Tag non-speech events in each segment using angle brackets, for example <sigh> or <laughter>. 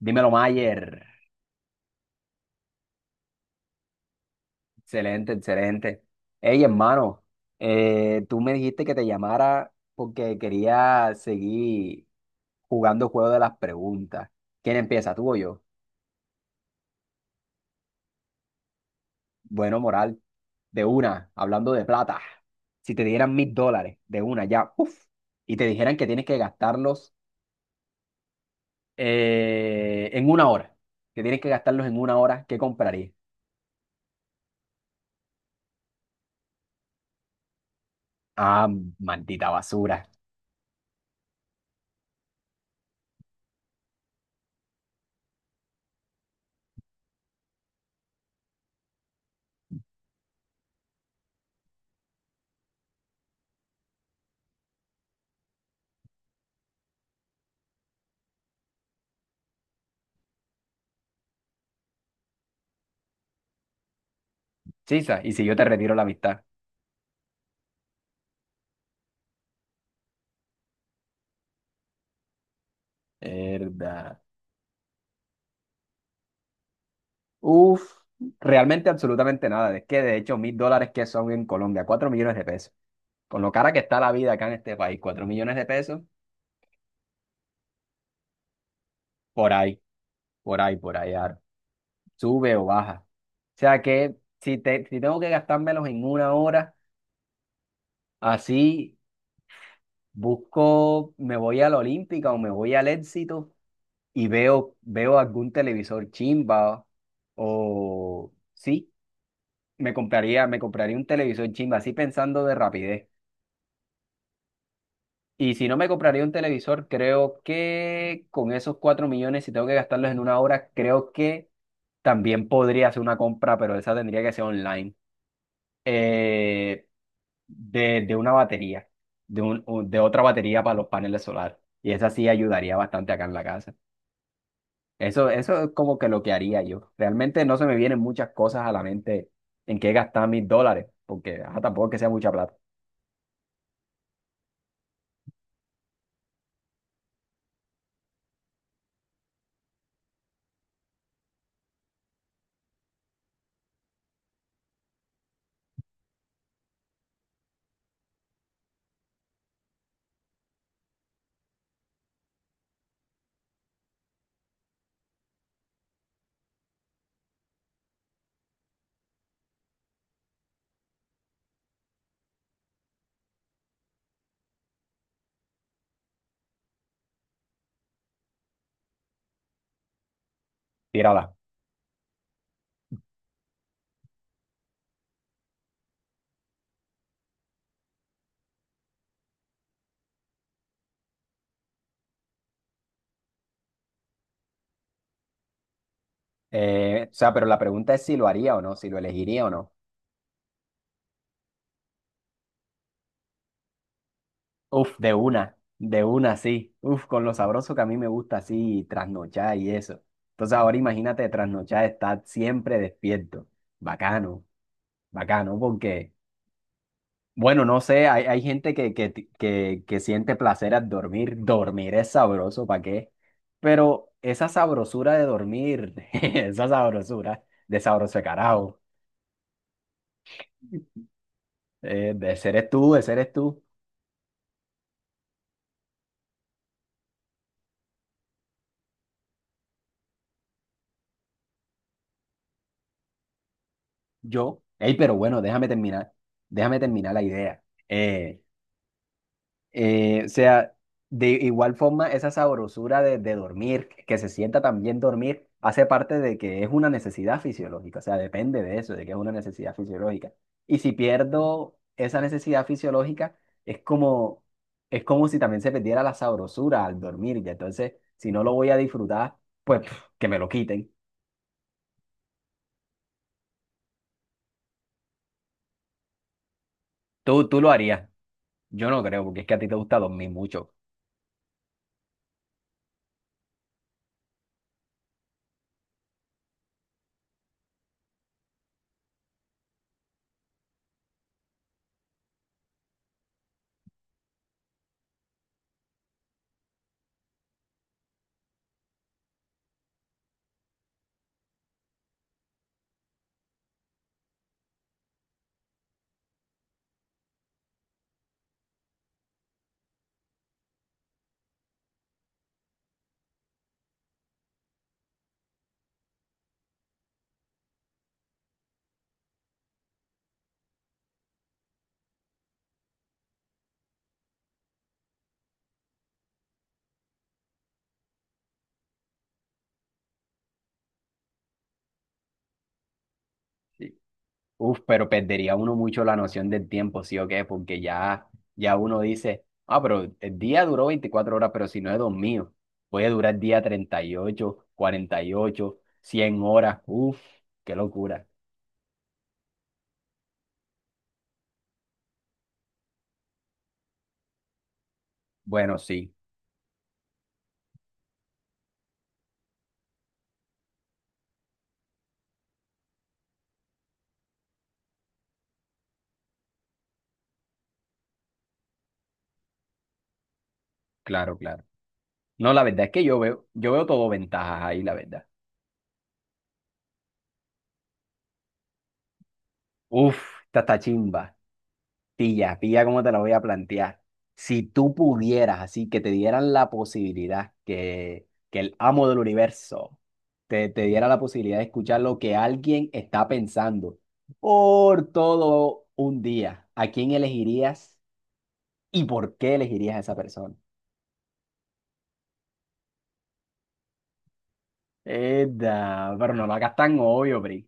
Dímelo, Mayer. Excelente, excelente. Hey, hermano, tú me dijiste que te llamara porque quería seguir jugando juego de las preguntas. ¿Quién empieza, tú o yo? Bueno, moral, de una, hablando de plata. Si te dieran $1,000 de una ya, uf, y te dijeran que tienes que gastarlos en una hora, que tienes que gastarlos en una hora, ¿qué comprarías? Ah, maldita basura. Chisa, y si yo te retiro la amistad. Verdad. Uf, realmente absolutamente nada. Es que de hecho, $1,000 que son en Colombia, 4 millones de pesos. Con lo cara que está la vida acá en este país, 4 millones de pesos, por ahí, por ahí, por ahí, sube o baja. O sea que si tengo que gastármelos en una hora, así busco, me voy a la Olímpica o me voy al Éxito y veo algún televisor chimba o sí, me compraría un televisor chimba, así pensando de rapidez. Y si no me compraría un televisor, creo que con esos 4 millones, si tengo que gastarlos en una hora, creo que también podría hacer una compra, pero esa tendría que ser online, eh, de una batería, de otra batería para los paneles solares. Y esa sí ayudaría bastante acá en la casa. Eso es como que lo que haría yo. Realmente no se me vienen muchas cosas a la mente en qué gastar mis dólares, porque ajá, tampoco es que sea mucha plata. Tírala. O sea, pero la pregunta es si lo haría o no, si lo elegiría o no. Uf, de una, sí. Uf, con lo sabroso que a mí me gusta así trasnochar y eso. Entonces ahora imagínate trasnochar, estar siempre despierto. Bacano, bacano, porque, bueno, no sé, hay gente que siente placer al dormir. Dormir es sabroso, ¿para qué? Pero esa sabrosura de dormir, <laughs> esa sabrosura de sabroso de carajo, de seres tú, yo. Ey, pero bueno, déjame terminar la idea. Eh, o sea, de igual forma, esa sabrosura de dormir, que se sienta también dormir, hace parte de que es una necesidad fisiológica, o sea, depende de eso, de que es una necesidad fisiológica. Y si pierdo esa necesidad fisiológica, es como, es como si también se perdiera la sabrosura al dormir, y entonces, si no lo voy a disfrutar, pues pf, que me lo quiten. Tú lo harías, yo no creo, porque es que a ti te gusta dormir mucho. Uf, pero perdería uno mucho la noción del tiempo, ¿sí o qué? Porque ya, ya uno dice, ah, pero el día duró 24 horas, pero si no he dormido, puede durar día 38, 48, 100 horas. Uf, qué locura. Bueno, sí, claro, claro. No, la verdad es que yo veo todo ventajas ahí, la verdad. Uf, esta está chimba. Pilla, pilla cómo te lo voy a plantear. Si tú pudieras, así que te dieran la posibilidad que el amo del universo te diera la posibilidad de escuchar lo que alguien está pensando por todo un día, ¿a quién elegirías y por qué elegirías a esa persona? Edda, pero no lo hagas tan obvio, Pri.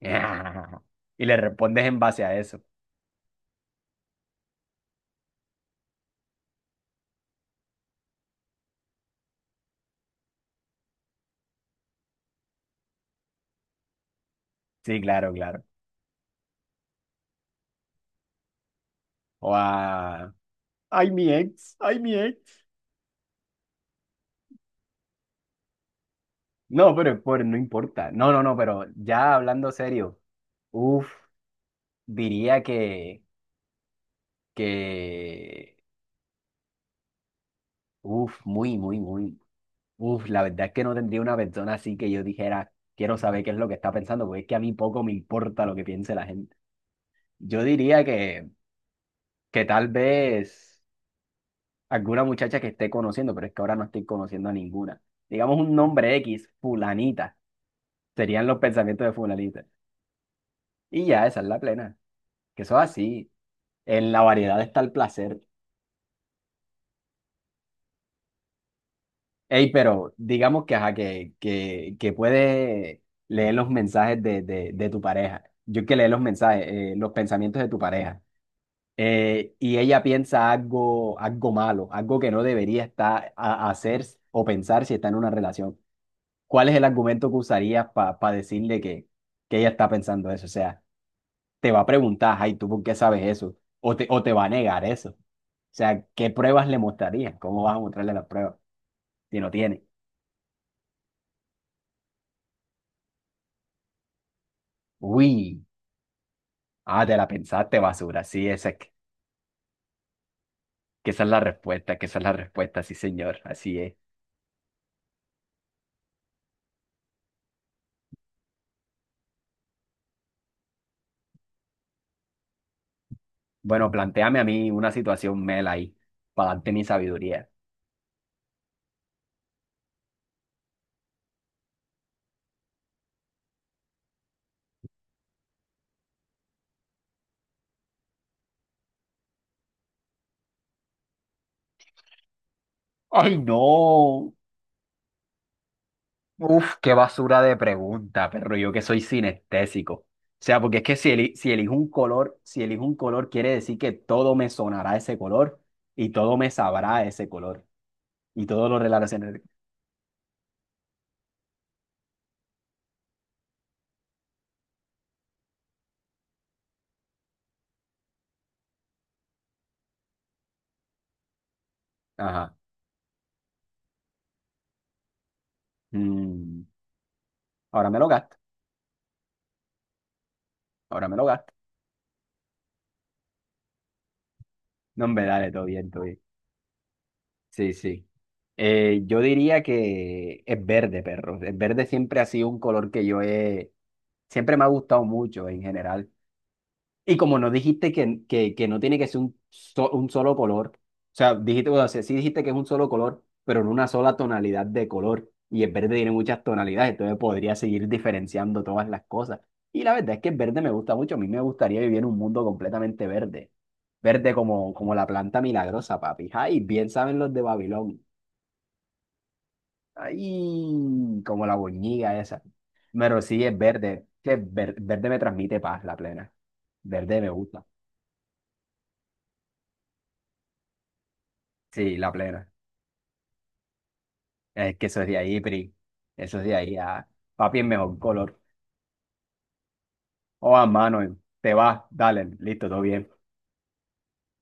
<laughs> Y le respondes en base a eso. Sí, claro, claro. O a... Ay, mi ex, ay, mi ex. No, pero es por, no importa. No, no, no, pero ya hablando serio, uff, diría que, uff, muy, muy, muy, uff, la verdad es que no tendría una persona así que yo dijera, quiero saber qué es lo que está pensando, porque es que a mí poco me importa lo que piense la gente. Yo diría que tal vez alguna muchacha que esté conociendo, pero es que ahora no estoy conociendo a ninguna. Digamos un nombre X, fulanita, serían los pensamientos de fulanita. Y ya, esa es la plena, que eso es así. En la variedad está el placer. Ey, pero digamos que, ajá, que puedes leer los mensajes de tu pareja. Yo que leo los mensajes, los pensamientos de tu pareja. Y ella piensa algo, algo malo, algo que no debería estar a hacer o pensar si está en una relación. ¿Cuál es el argumento que usarías para decirle que ella está pensando eso? O sea, te va a preguntar, ay, ¿tú por qué sabes eso? O te va a negar eso. O sea, ¿qué pruebas le mostrarías? ¿Cómo vas a mostrarle las pruebas? Y no tiene. Uy, ah, te la pensaste, basura. Sí, esa es, que esa es la respuesta, que esa es la respuesta, sí, señor, así es. Bueno, planteame a mí una situación mela ahí, para darte mi sabiduría. ¡Ay, no! Uf, qué basura de pregunta, perro, yo que soy sinestésico. O sea, porque es que si, si elijo un color, si elijo un color, quiere decir que todo me sonará ese color y todo me sabrá ese color y todo lo relacionaré. Ajá. Mm, ahora me lo gasto, ahora me lo gasto. No, hombre, dale, todo bien, todo bien. Sí, sí. Yo diría que es verde, perro. El verde siempre ha sido un color que yo he... Siempre me ha gustado mucho en general. Y como no dijiste que, que no tiene que ser un, un solo color, o sea, dijiste, o sea sí dijiste que es un solo color, pero en una sola tonalidad de color. Y el verde tiene muchas tonalidades, entonces podría seguir diferenciando todas las cosas. Y la verdad es que el verde me gusta mucho. A mí me gustaría vivir en un mundo completamente verde. Verde como, como la planta milagrosa, papi. Ay, bien saben los de Babilón. Ay, como la boñiga esa. Pero sí es verde. Que verde me transmite paz, la plena. Verde me gusta. Sí, la plena. Es que eso es de ahí, Pri. Eso es de ahí. Ah. Papi es mejor color. O a mano, te vas, dale, listo, todo bien.